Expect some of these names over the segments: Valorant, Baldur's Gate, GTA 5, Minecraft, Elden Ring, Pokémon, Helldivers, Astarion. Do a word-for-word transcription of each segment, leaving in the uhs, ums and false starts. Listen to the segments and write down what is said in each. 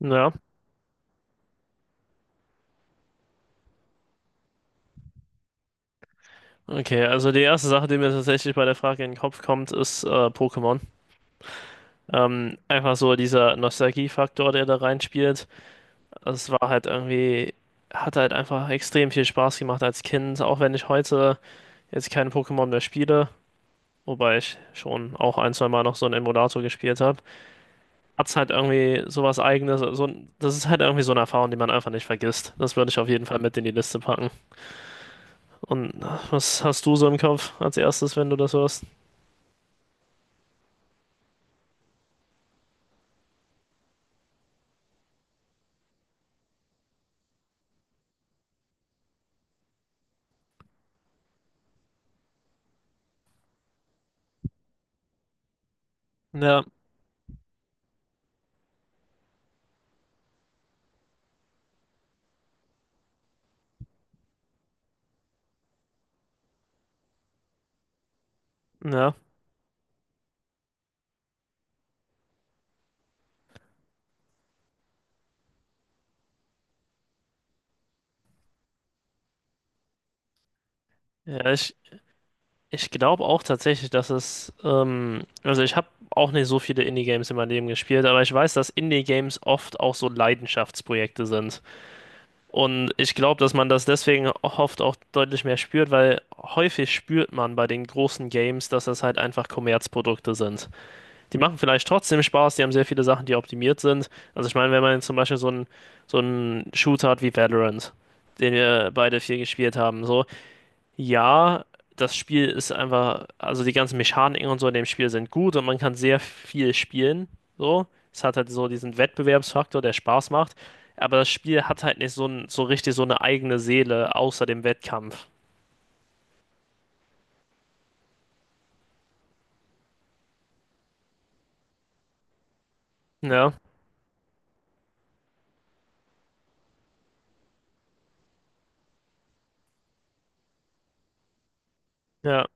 Ja, okay. Also die erste Sache, die mir tatsächlich bei der Frage in den Kopf kommt, ist äh, Pokémon. Ähm, einfach so dieser Nostalgiefaktor, der da reinspielt. Also Es war halt irgendwie, hat halt einfach extrem viel Spaß gemacht als Kind, auch wenn ich heute jetzt keine Pokémon mehr spiele, wobei ich schon auch ein, zwei Mal noch so einen Emulator gespielt habe. Hat es halt irgendwie sowas Eigenes. So, ein- das ist halt irgendwie so eine Erfahrung, die man einfach nicht vergisst. Das würde ich auf jeden Fall mit in die Liste packen. Und äh, was hast du so im Kopf als erstes, wenn du das hörst? Ja. Ja. Ja, ich, ich glaube auch tatsächlich, dass es, ähm, also ich habe auch nicht so viele Indie-Games in meinem Leben gespielt, aber ich weiß, dass Indie-Games oft auch so Leidenschaftsprojekte sind. Und ich glaube, dass man das deswegen oft auch deutlich mehr spürt, weil häufig spürt man bei den großen Games, dass das halt einfach Kommerzprodukte sind. Die machen vielleicht trotzdem Spaß, die haben sehr viele Sachen, die optimiert sind. Also ich meine, wenn man zum Beispiel so einen so einen Shooter hat wie Valorant, den wir beide viel gespielt haben, so. Ja, das Spiel ist einfach, also die ganzen Mechaniken und so in dem Spiel sind gut und man kann sehr viel spielen. So, es hat halt so diesen Wettbewerbsfaktor, der Spaß macht. Aber das Spiel hat halt nicht so, n- so richtig so eine eigene Seele außer dem Wettkampf. Ja, ja,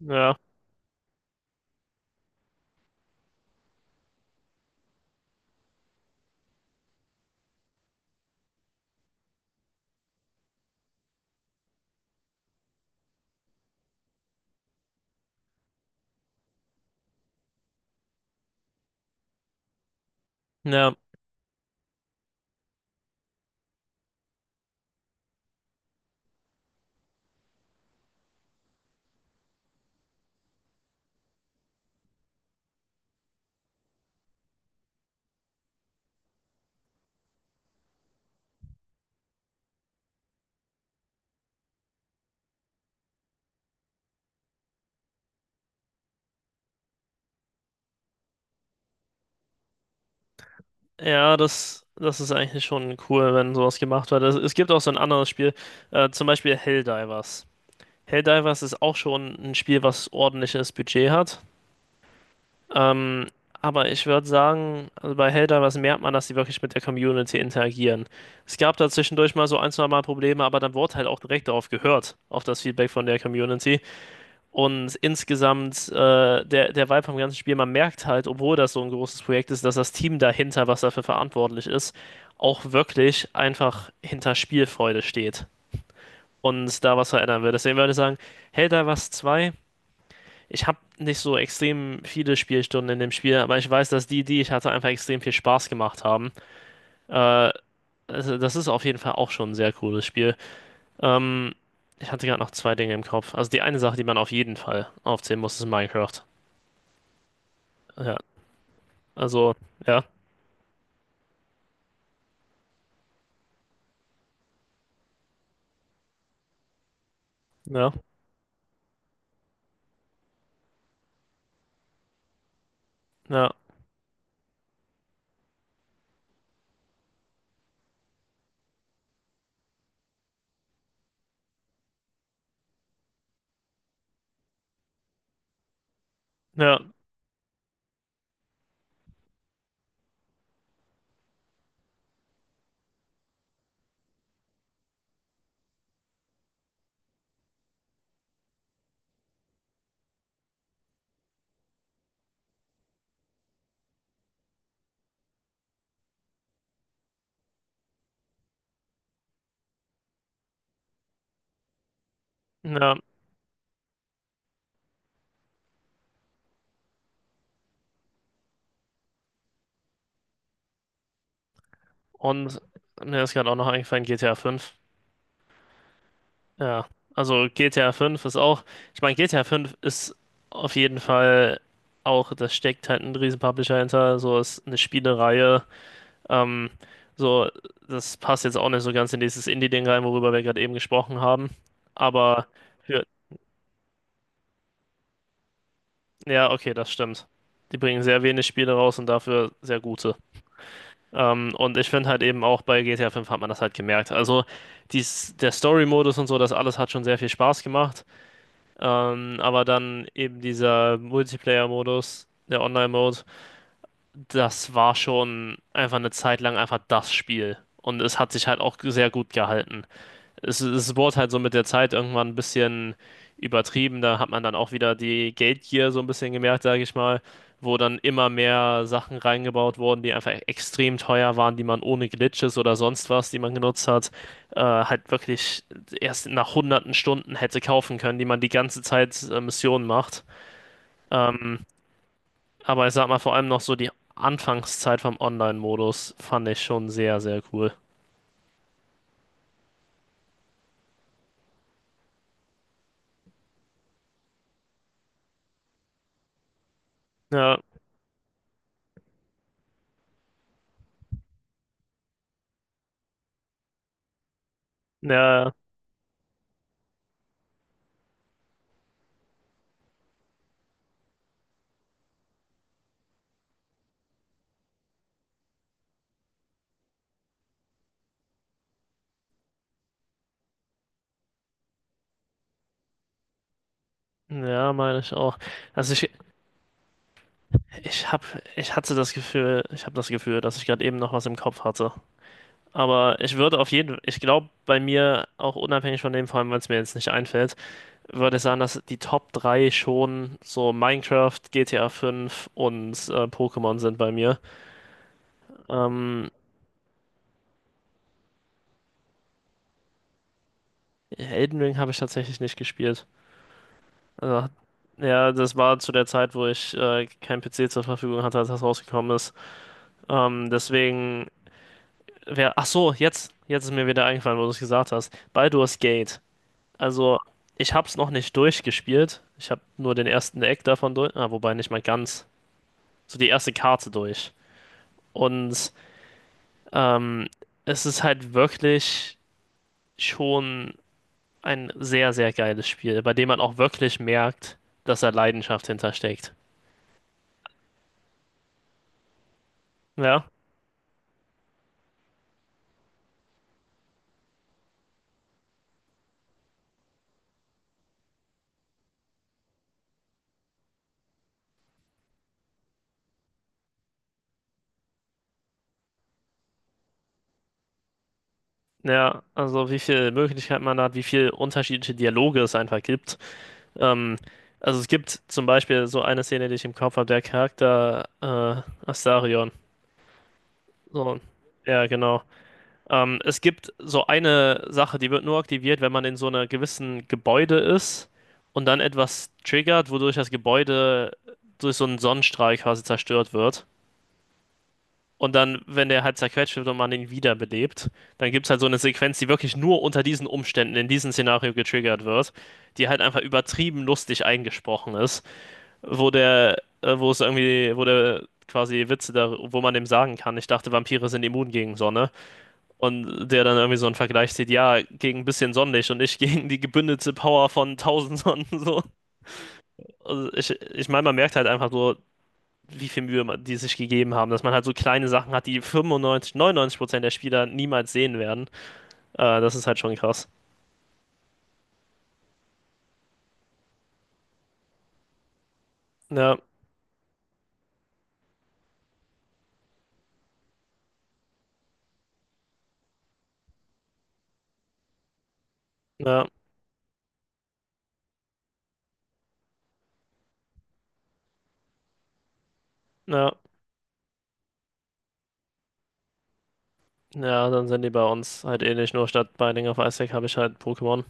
ja, ja, ja, das, das ist eigentlich schon cool, wenn sowas gemacht wird. Es, es gibt auch so ein anderes Spiel, äh, zum Beispiel Helldivers. Helldivers ist auch schon ein Spiel, was ordentliches Budget hat. Ähm, aber ich würde sagen, also bei Helldivers was merkt man, dass sie wirklich mit der Community interagieren. Es gab da zwischendurch mal so ein, zwei Mal Probleme, aber dann wurde halt auch direkt darauf gehört, auf das Feedback von der Community. Und insgesamt, äh, der, der Vibe vom ganzen Spiel, man merkt halt, obwohl das so ein großes Projekt ist, dass das Team dahinter, was dafür verantwortlich ist, auch wirklich einfach hinter Spielfreude steht und da was verändern will. Deswegen würde ich sagen, Helldivers zwei ich habe nicht so extrem viele Spielstunden in dem Spiel, aber ich weiß, dass die, die ich hatte, einfach extrem viel Spaß gemacht haben. Äh, also das ist auf jeden Fall auch schon ein sehr cooles Spiel. Ähm, ich hatte gerade noch zwei Dinge im Kopf. Also die eine Sache, die man auf jeden Fall aufzählen muss, ist Minecraft. Ja, also ja, ja, ja, ja, ja. Und mir ist gerade auch noch eingefallen, G T A fünf. Ja, also G T A fünf ist auch, ich meine, G T A fünf ist auf jeden Fall auch, das steckt halt ein riesen Publisher hinter, so ist eine Spielereihe, ähm, so, das passt jetzt auch nicht so ganz in dieses Indie-Ding rein, worüber wir gerade eben gesprochen haben, aber für, ja, okay, das stimmt. Die bringen sehr wenig Spiele raus und dafür sehr gute. Ähm, und ich finde halt eben auch bei G T A fünf hat man das halt gemerkt. Also dies, der Story-Modus und so, das alles hat schon sehr viel Spaß gemacht. Ähm, aber dann eben dieser Multiplayer-Modus, der Online-Mode, das war schon einfach eine Zeit lang einfach das Spiel. Und es hat sich halt auch sehr gut gehalten. Es, es wurde halt so mit der Zeit irgendwann ein bisschen übertrieben. Da hat man dann auch wieder die Geldgier so ein bisschen gemerkt, sage ich mal, wo dann immer mehr Sachen reingebaut wurden, die einfach extrem teuer waren, die man ohne Glitches oder sonst was, die man genutzt hat, äh, halt wirklich erst nach hunderten Stunden hätte kaufen können, die man die ganze Zeit äh, Missionen macht. Ähm, aber ich sag mal, vor allem noch so die Anfangszeit vom Online-Modus fand ich schon sehr, sehr cool. Ja, ja, ja, meine ich auch. Also ich, Ich hab, ich hatte das Gefühl, ich habe das Gefühl, dass ich gerade eben noch was im Kopf hatte. Aber ich würde auf jeden, ich glaube, bei mir, auch unabhängig von dem, vor allem, weil es mir jetzt nicht einfällt, würde ich sagen, dass die Top drei schon so Minecraft, G T A fünf und äh, Pokémon sind bei mir. Ähm, Elden Ring habe ich tatsächlich nicht gespielt. Also, ja, das war zu der Zeit, wo ich äh, kein P C zur Verfügung hatte, als das rausgekommen ist. Ähm, deswegen Wer, ach so, jetzt, jetzt ist mir wieder eingefallen, wo du es gesagt hast. Baldur's Gate. Also, ich hab's noch nicht durchgespielt. Ich hab nur den ersten Eck davon durch. Ah, wobei nicht mal ganz. So die erste Karte durch. Und ähm, es ist halt wirklich schon ein sehr, sehr geiles Spiel, bei dem man auch wirklich merkt, dass da Leidenschaft hintersteckt. Ja, ja, also wie viel Möglichkeit man hat, wie viel unterschiedliche Dialoge es einfach gibt. Ähm, also es gibt zum Beispiel so eine Szene, die ich im Kopf habe, der Charakter äh, Astarion. So, ja, genau. Ähm, es gibt so eine Sache, die wird nur aktiviert, wenn man in so einer gewissen Gebäude ist und dann etwas triggert, wodurch das Gebäude durch so einen Sonnenstrahl quasi zerstört wird. Und dann, wenn der halt zerquetscht wird und man ihn wiederbelebt, dann gibt es halt so eine Sequenz, die wirklich nur unter diesen Umständen, in diesem Szenario getriggert wird, die halt einfach übertrieben lustig eingesprochen ist. wo der, äh, wo es irgendwie, wo der quasi Witze da, wo man dem sagen kann, ich dachte, Vampire sind immun gegen Sonne. Und der dann irgendwie so einen Vergleich zieht, ja, gegen ein bisschen Sonnenlicht und ich gegen die gebündelte Power von tausend Sonnen. So. Also ich, ich meine, man merkt halt einfach so, wie viel Mühe man, die sich gegeben haben, dass man halt so kleine Sachen hat, die fünfundneunzig, neunundneunzig Prozent der Spieler niemals sehen werden. Äh, das ist halt schon krass. Ja, ja, ja. Ja, dann sind die bei uns halt ähnlich, nur statt Binding of Isaac habe ich halt Pokémon.